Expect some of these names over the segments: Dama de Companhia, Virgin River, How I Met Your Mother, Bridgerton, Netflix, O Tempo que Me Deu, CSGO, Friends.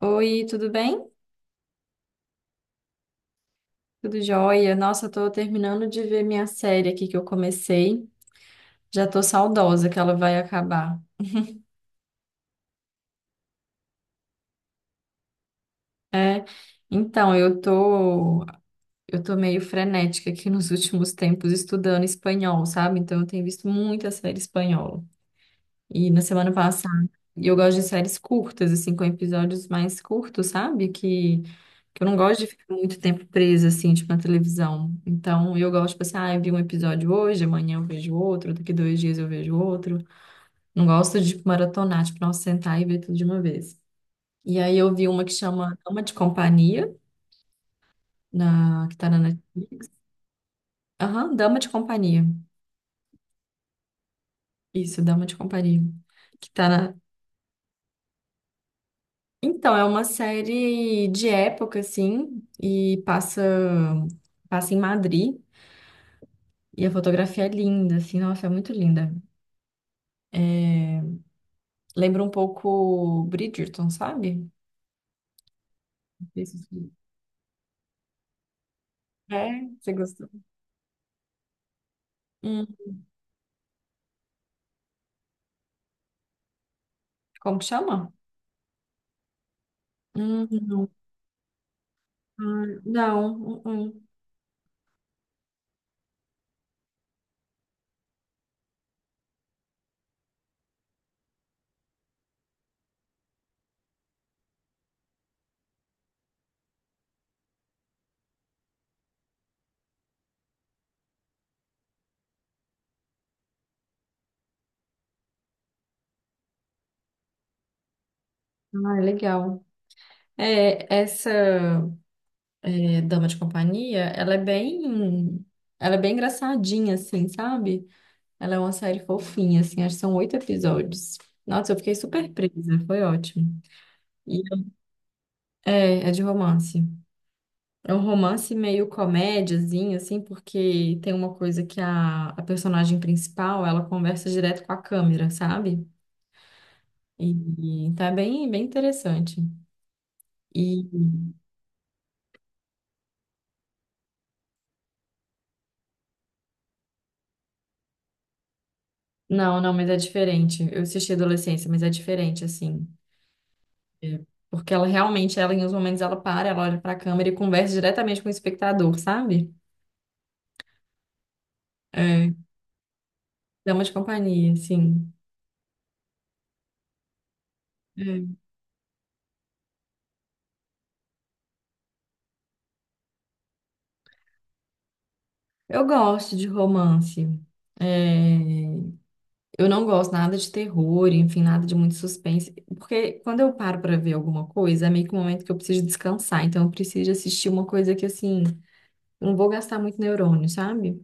Oi, tudo bem? Tudo jóia? Nossa, eu tô terminando de ver minha série aqui que eu comecei. Já tô saudosa que ela vai acabar. É, então, eu tô meio frenética aqui nos últimos tempos estudando espanhol, sabe? Então, eu tenho visto muita série espanhola. E na semana passada, e eu gosto de séries curtas, assim, com episódios mais curtos, sabe? Que eu não gosto de ficar muito tempo presa, assim, tipo, na televisão. Então, eu gosto, tipo assim, ah, eu vi um episódio hoje, amanhã eu vejo outro, daqui 2 dias eu vejo outro. Não gosto de, tipo, maratonar, tipo, não sentar e ver tudo de uma vez. E aí eu vi uma que chama Dama de Companhia, que tá na Netflix. Aham, Dama de Companhia. Isso, Dama de Companhia. Que tá na, Então, é uma série de época, assim, e passa em Madrid. E a fotografia é linda, assim, nossa, é muito linda. Lembra um pouco Bridgerton, sabe? Esse filme. É, você gostou? Hum, Como que chama? Não. Ah, não. Hum, hum. Ah, é legal. É, essa é, Dama de Companhia, ela é bem engraçadinha, assim, sabe? Ela é uma série fofinha, assim, acho que são oito episódios. Nossa, eu fiquei super presa, foi ótimo. E é de romance. É um romance meio comédiazinho, assim, porque tem uma coisa que a personagem principal, ela conversa direto com a câmera, sabe? E tá bem interessante. E não, não, mas é diferente. Eu assisti Adolescência, mas é diferente, assim. É, porque ela em uns momentos ela para, ela olha pra câmera e conversa diretamente com o espectador, sabe? É. Dama de companhia, sim. É. Eu gosto de romance. É, eu não gosto nada de terror, enfim, nada de muito suspense. Porque quando eu paro pra ver alguma coisa, é meio que um momento que eu preciso descansar. Então eu preciso assistir uma coisa que, assim, eu não vou gastar muito neurônio, sabe?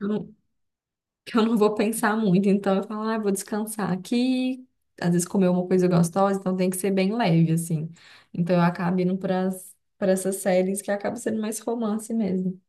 Eu não- Que eu não vou pensar muito. Então eu falo, ah, eu vou descansar aqui. Às vezes comer uma coisa gostosa, então tem que ser bem leve, assim. Então eu acabo indo para essas séries que acabam sendo mais romance mesmo.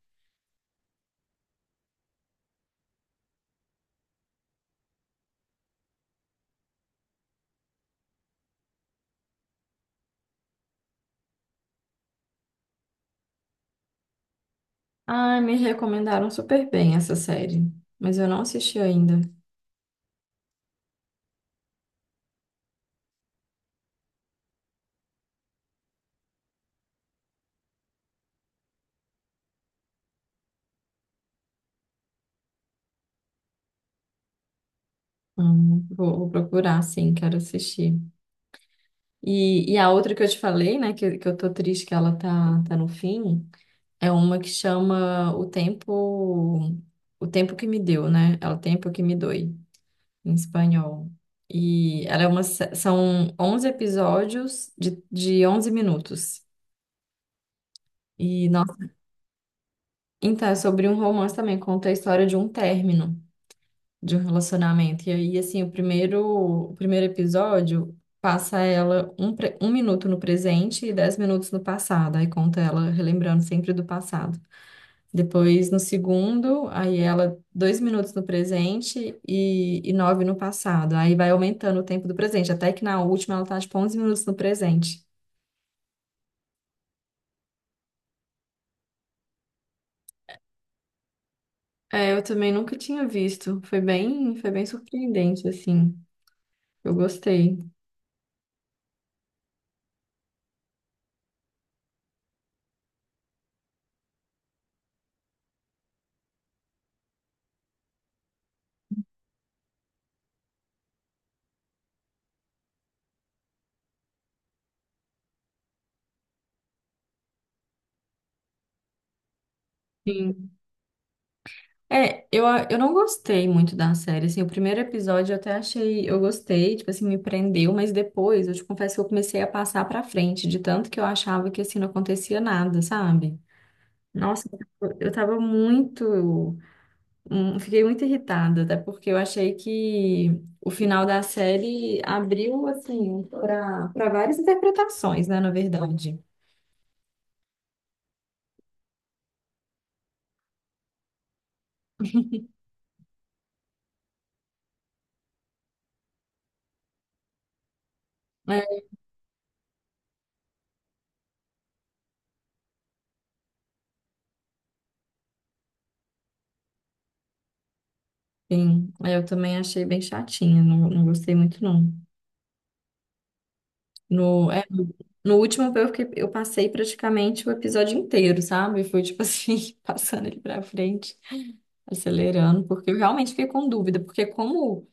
Ai, me recomendaram super bem essa série, mas eu não assisti ainda. Vou procurar, sim, quero assistir. E a outra que eu te falei, né, que eu tô triste que ela tá no fim, é uma que chama O Tempo que Me Deu, né? É o Tempo que Me Doi, em espanhol. E ela é uma, são 11 episódios de 11 minutos. E, nossa, então, é sobre um romance também, conta a história de um término de um relacionamento. E aí, assim, o primeiro episódio passa ela 1 minuto no presente e 10 minutos no passado. Aí conta ela relembrando sempre do passado. Depois, no segundo, aí ela 2 minutos no presente e nove no passado. Aí vai aumentando o tempo do presente, até que na última ela tá, tipo, 11 minutos no presente. É, eu também nunca tinha visto. Foi bem surpreendente, assim. Eu gostei. Sim. É, eu não gostei muito da série, assim, o primeiro episódio eu até achei, eu gostei, tipo assim, me prendeu, mas depois, eu te confesso que eu comecei a passar pra frente, de tanto que eu achava que, assim, não acontecia nada, sabe? Nossa, eu tava muito, fiquei muito irritada, até porque eu achei que o final da série abriu, assim, para várias interpretações, né, na verdade. É, enfim, eu também achei bem chatinha, não, não gostei muito, não. No, é, no no último eu passei praticamente o episódio inteiro, sabe? Foi tipo assim, passando ele pra frente, acelerando, porque eu realmente fiquei com dúvida, porque como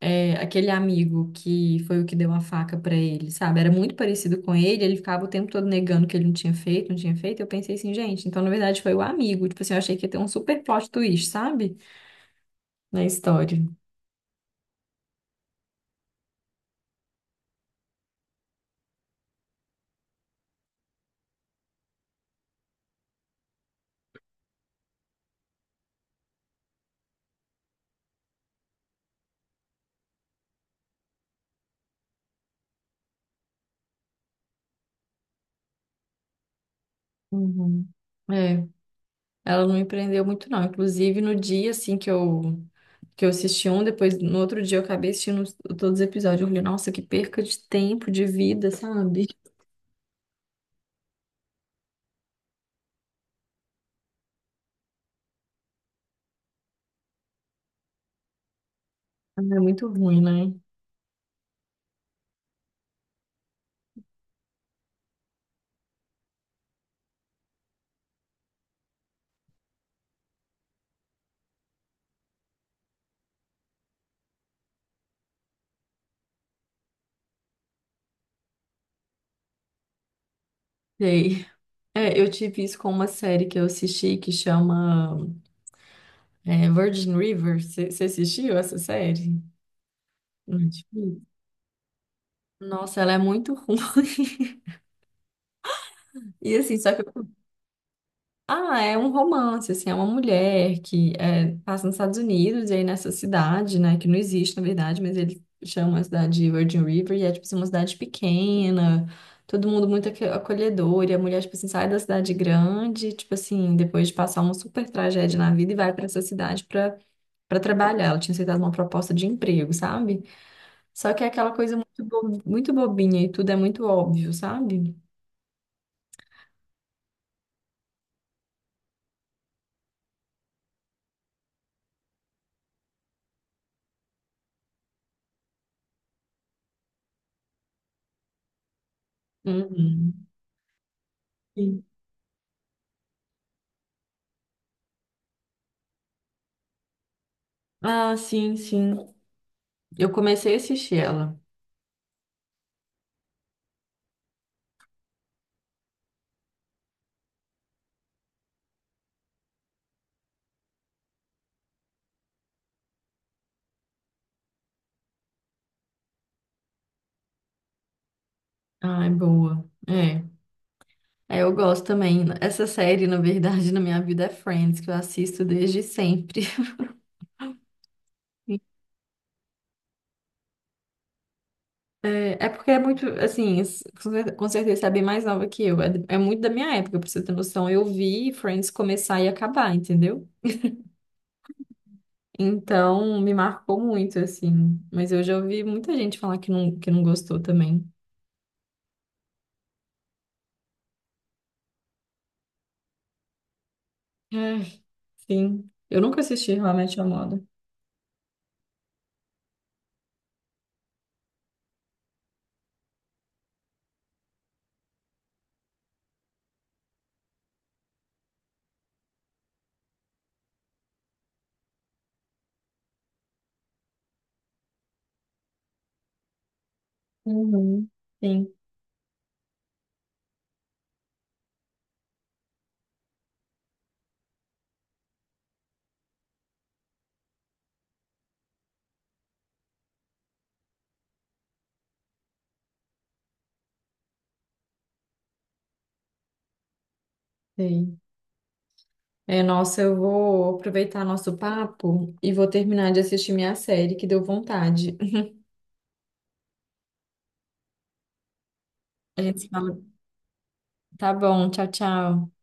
é, aquele amigo que foi o que deu a faca pra ele, sabe? Era muito parecido com ele, ele ficava o tempo todo negando que ele não tinha feito, não tinha feito, eu pensei assim, gente, então na verdade foi o amigo, tipo assim, eu achei que ia ter um super plot twist, sabe? Na história. Uhum. É. Ela não me prendeu muito, não. Inclusive, no dia, assim, que eu assisti um, depois, no outro dia, eu acabei assistindo todos os episódios. Eu falei, nossa, que perca de tempo, de vida, sabe? Ah, é muito ruim, né? Sei. É, eu tive isso com uma série que eu assisti que chama Virgin River. Você assistiu essa série? Não. Nossa, ela é muito ruim. E assim, só que eu ah, é um romance, assim, é uma mulher que é, passa nos Estados Unidos e aí nessa cidade, né, que não existe na verdade, mas ele chama a cidade de Virgin River e é, tipo assim, uma cidade pequena, todo mundo muito acolhedor e a mulher, tipo assim, sai da cidade grande, tipo assim, depois de passar uma super tragédia na vida e vai pra essa cidade pra, trabalhar. Ela tinha aceitado uma proposta de emprego, sabe? Só que é aquela coisa muito, muito bobinha e tudo é muito óbvio, sabe? Uhum. Sim. Ah, sim, sim. Eu comecei a assistir ela. Ai, boa. É. É, eu gosto também. Essa série, na verdade, na minha vida é Friends, que eu assisto desde sempre. É porque é muito, assim, com certeza você é bem mais nova que eu. É muito da minha época, pra você ter noção. Eu vi Friends começar e acabar, entendeu? Então, me marcou muito, assim. Mas eu já ouvi muita gente falar que não, gostou também. É, sim. Eu nunca assisti How I Met Your Mother. Uhum. Sim, sei. É, nossa, eu vou aproveitar nosso papo e vou terminar de assistir minha série, que deu vontade. A gente se fala. Tá bom, tchau, tchau.